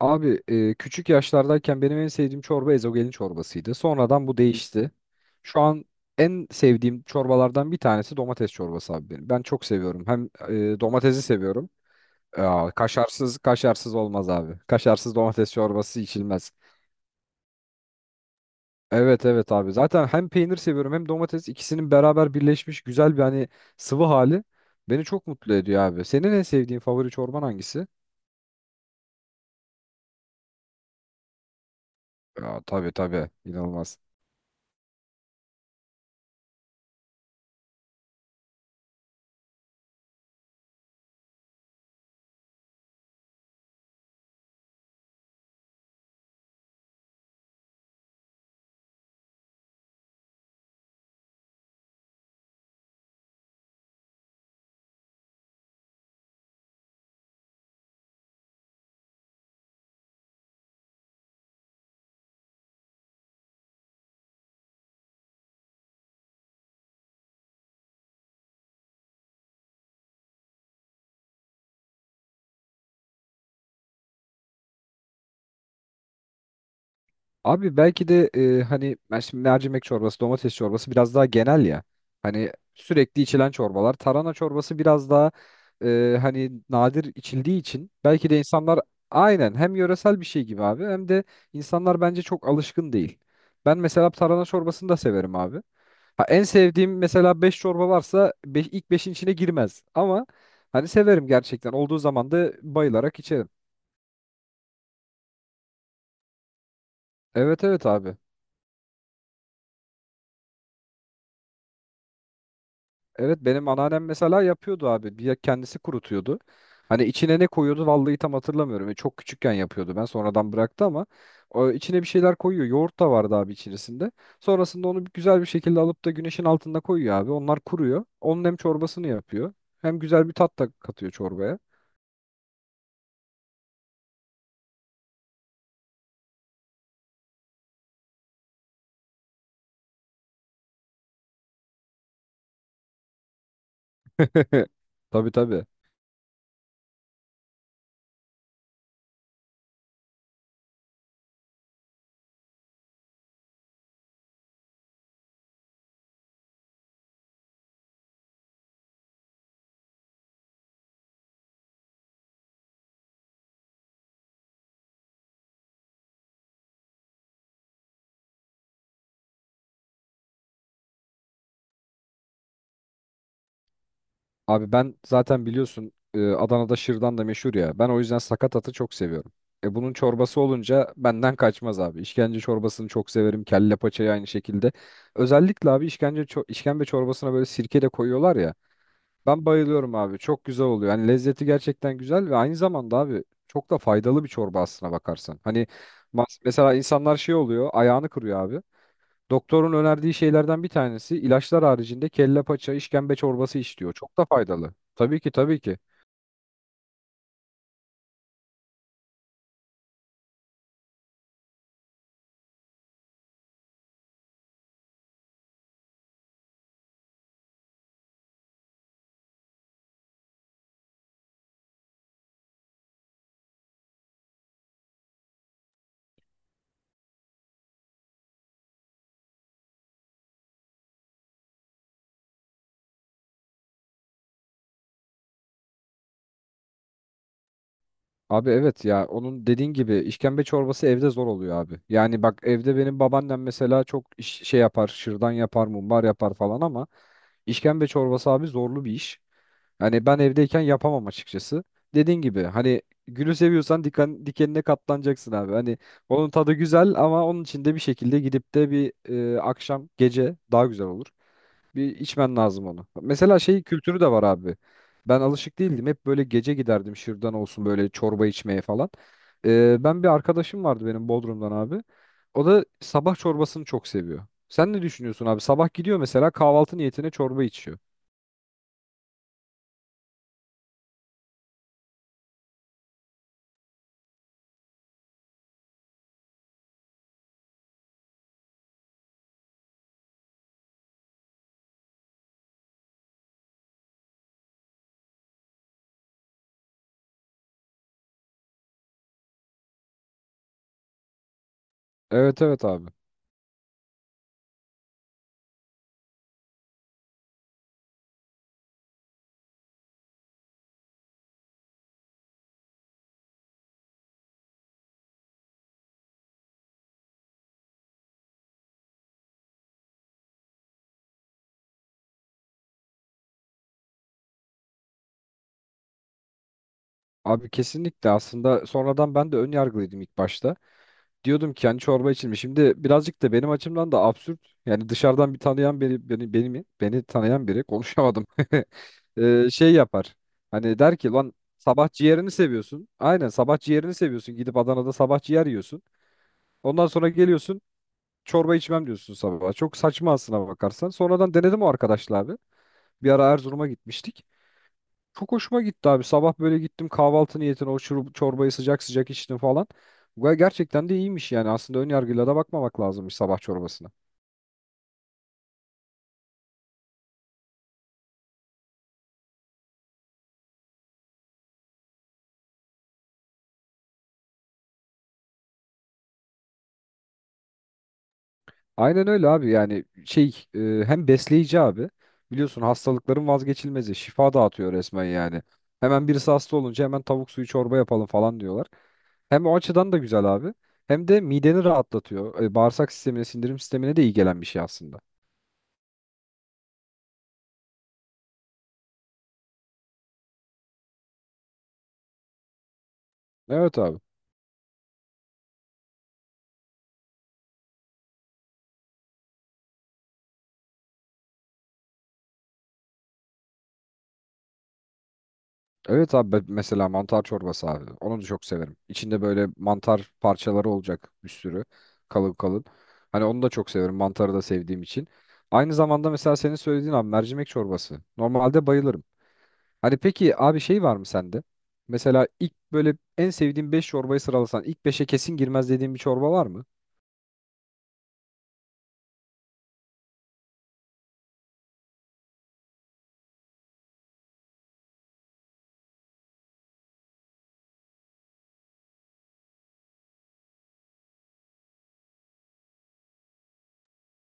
Abi küçük yaşlardayken benim en sevdiğim çorba ezogelin çorbasıydı. Sonradan bu değişti. Şu an en sevdiğim çorbalardan bir tanesi domates çorbası abi benim. Ben çok seviyorum. Hem domatesi seviyorum. Aa, kaşarsız kaşarsız olmaz abi. Kaşarsız domates çorbası içilmez. Evet evet abi. Zaten hem peynir seviyorum hem domates ikisinin beraber birleşmiş güzel bir hani sıvı hali beni çok mutlu ediyor abi. Senin en sevdiğin favori çorban hangisi? Aa, tabii tabii. İnanılmaz. Abi belki de hani ben şimdi mercimek çorbası, domates çorbası biraz daha genel ya. Hani sürekli içilen çorbalar. Tarhana çorbası biraz daha hani nadir içildiği için belki de insanlar aynen hem yöresel bir şey gibi abi hem de insanlar bence çok alışkın değil. Ben mesela tarhana çorbasını da severim abi. Ha, en sevdiğim mesela 5 çorba varsa beş, ilk beşin içine girmez. Ama hani severim gerçekten. Olduğu zaman da bayılarak içerim. Evet evet abi. Evet benim anneannem mesela yapıyordu abi. Bir kendisi kurutuyordu. Hani içine ne koyuyordu vallahi tam hatırlamıyorum. Çok küçükken yapıyordu ben sonradan bıraktı ama o içine bir şeyler koyuyor. Yoğurt da vardı abi içerisinde. Sonrasında onu güzel bir şekilde alıp da güneşin altında koyuyor abi. Onlar kuruyor. Onun hem çorbasını yapıyor hem güzel bir tat da katıyor çorbaya. Tabii tabii. Abi ben zaten biliyorsun Adana'da şırdan da meşhur ya. Ben o yüzden sakatatı çok seviyorum. E bunun çorbası olunca benden kaçmaz abi. İşkence çorbasını çok severim. Kelle paçayı aynı şekilde. Özellikle abi işkence işkembe çorbasına böyle sirke de koyuyorlar ya. Ben bayılıyorum abi. Çok güzel oluyor. Hani lezzeti gerçekten güzel ve aynı zamanda abi çok da faydalı bir çorba aslına bakarsan. Hani mesela insanlar şey oluyor, ayağını kırıyor abi. Doktorun önerdiği şeylerden bir tanesi ilaçlar haricinde kelle paça, işkembe çorbası iç diyor. Çok da faydalı. Tabii ki tabii ki. Abi evet ya onun dediğin gibi işkembe çorbası evde zor oluyor abi. Yani bak evde benim babaannem mesela çok şey yapar, şırdan yapar, mumbar yapar falan ama işkembe çorbası abi zorlu bir iş. Hani ben evdeyken yapamam açıkçası. Dediğin gibi hani gülü seviyorsan dikenine katlanacaksın abi. Hani onun tadı güzel ama onun için de bir şekilde gidip de bir akşam gece daha güzel olur. Bir içmen lazım onu. Mesela şey kültürü de var abi. Ben alışık değildim. Hep böyle gece giderdim şırdan olsun böyle çorba içmeye falan. Ben bir arkadaşım vardı benim Bodrum'dan abi. O da sabah çorbasını çok seviyor. Sen ne düşünüyorsun abi? Sabah gidiyor mesela kahvaltı niyetine çorba içiyor. Evet evet abi. Abi kesinlikle, aslında sonradan ben de ön yargılıydım ilk başta. Diyordum ki hani çorba içilmiş. Şimdi birazcık da benim açımdan da absürt. Yani dışarıdan bir tanıyan biri beni mi? Beni tanıyan biri konuşamadım. Şey yapar. Hani der ki lan sabah ciğerini seviyorsun. Aynen sabah ciğerini seviyorsun. Gidip Adana'da sabah ciğer yiyorsun. Ondan sonra geliyorsun çorba içmem diyorsun sabah. Çok saçma aslına bakarsan. Sonradan denedim o arkadaşla abi. Bir ara Erzurum'a gitmiştik. Çok hoşuma gitti abi. Sabah böyle gittim kahvaltı niyetine o çorbayı sıcak sıcak içtim falan. Ve gerçekten de iyiymiş yani. Aslında ön yargıyla da bakmamak lazımmış sabah çorbasına. Aynen öyle abi, yani şey, hem besleyici abi. Biliyorsun hastalıkların vazgeçilmezi. Şifa dağıtıyor resmen yani. Hemen birisi hasta olunca hemen tavuk suyu çorba yapalım falan diyorlar. Hem o açıdan da güzel abi. Hem de mideni rahatlatıyor. E, bağırsak sistemine, sindirim sistemine de iyi gelen bir şey aslında. Evet abi. Evet abi mesela mantar çorbası abi. Onu da çok severim. İçinde böyle mantar parçaları olacak bir sürü kalın kalın. Hani onu da çok severim. Mantarı da sevdiğim için. Aynı zamanda mesela senin söylediğin abi mercimek çorbası. Normalde bayılırım. Hani peki abi şey var mı sende? Mesela ilk böyle en sevdiğin 5 çorbayı sıralasan ilk beşe kesin girmez dediğin bir çorba var mı?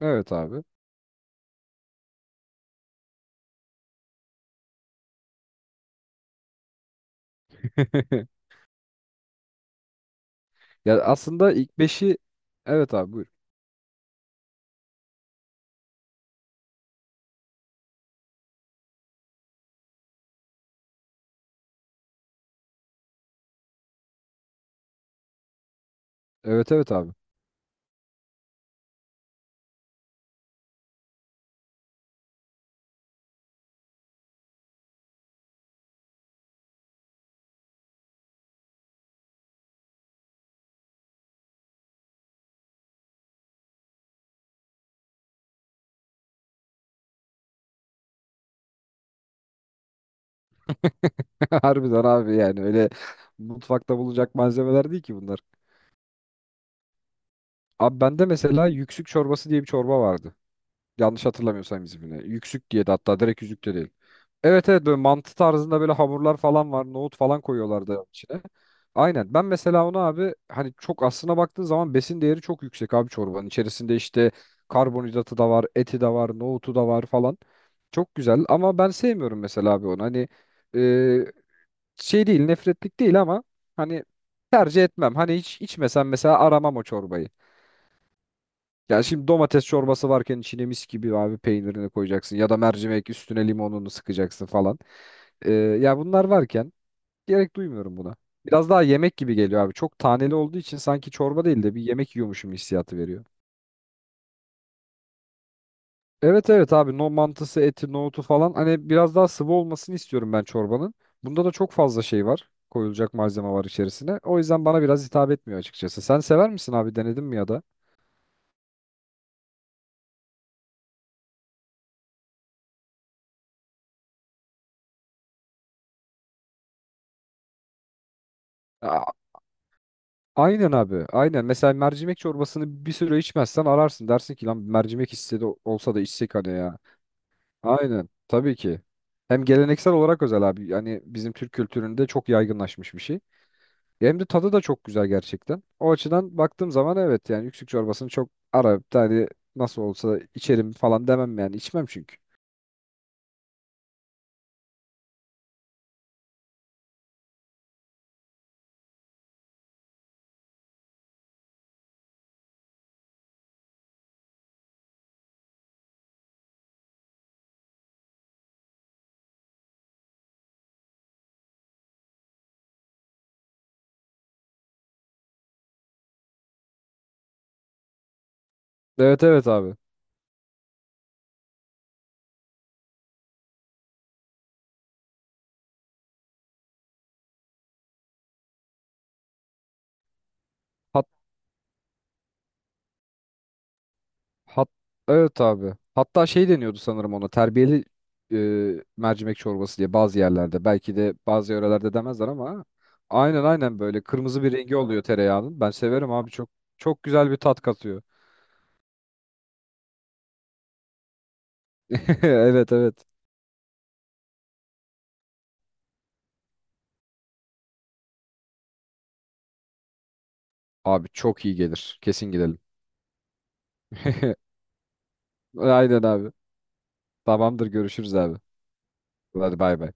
Evet abi. Ya aslında ilk beşi evet abi buyur. Evet evet abi. Harbiden abi yani öyle mutfakta bulacak malzemeler değil ki bunlar. Abi bende mesela yüksük çorbası diye bir çorba vardı. Yanlış hatırlamıyorsam ismini. Yüksük diye de hatta, direkt yüzük de değil. Evet evet böyle mantı tarzında böyle hamurlar falan var. Nohut falan koyuyorlardı içine. Aynen. Ben mesela onu abi hani, çok aslına baktığın zaman besin değeri çok yüksek abi çorbanın. İçerisinde işte karbonhidratı da var, eti de var, nohutu da var falan. Çok güzel ama ben sevmiyorum mesela abi onu. Hani e, şey değil, nefretlik değil ama hani tercih etmem. Hani hiç içmesem mesela aramam o çorbayı. Yani şimdi domates çorbası varken içine mis gibi abi peynirini koyacaksın ya da mercimek üstüne limonunu sıkacaksın falan. Ya bunlar varken gerek duymuyorum buna. Biraz daha yemek gibi geliyor abi. Çok taneli olduğu için sanki çorba değil de bir yemek yiyormuşum hissiyatı veriyor. Evet evet abi, no mantısı, eti, nohutu falan, hani biraz daha sıvı olmasını istiyorum ben çorbanın. Bunda da çok fazla şey var. Koyulacak malzeme var içerisine. O yüzden bana biraz hitap etmiyor açıkçası. Sen sever misin abi, denedin mi ya da? Aa, aynen abi. Aynen. Mesela mercimek çorbasını bir süre içmezsen ararsın. Dersin ki lan mercimek hisse de olsa da içsek hani ya. Aynen. Tabii ki. Hem geleneksel olarak özel abi. Yani bizim Türk kültüründe çok yaygınlaşmış bir şey. Hem de tadı da çok güzel gerçekten. O açıdan baktığım zaman evet yani yüksük çorbasını çok ara. Yani nasıl olsa içerim falan demem yani. İçmem çünkü. Evet evet abi. Hat evet abi. Hatta şey deniyordu sanırım ona terbiyeli mercimek çorbası diye bazı yerlerde. Belki de bazı yörelerde demezler ama aynen aynen böyle kırmızı bir rengi oluyor tereyağının. Ben severim abi, çok çok güzel bir tat katıyor. Evet evet. Abi çok iyi gelir. Kesin gidelim. Aynen abi. Tamamdır, görüşürüz abi. Hadi bay bay.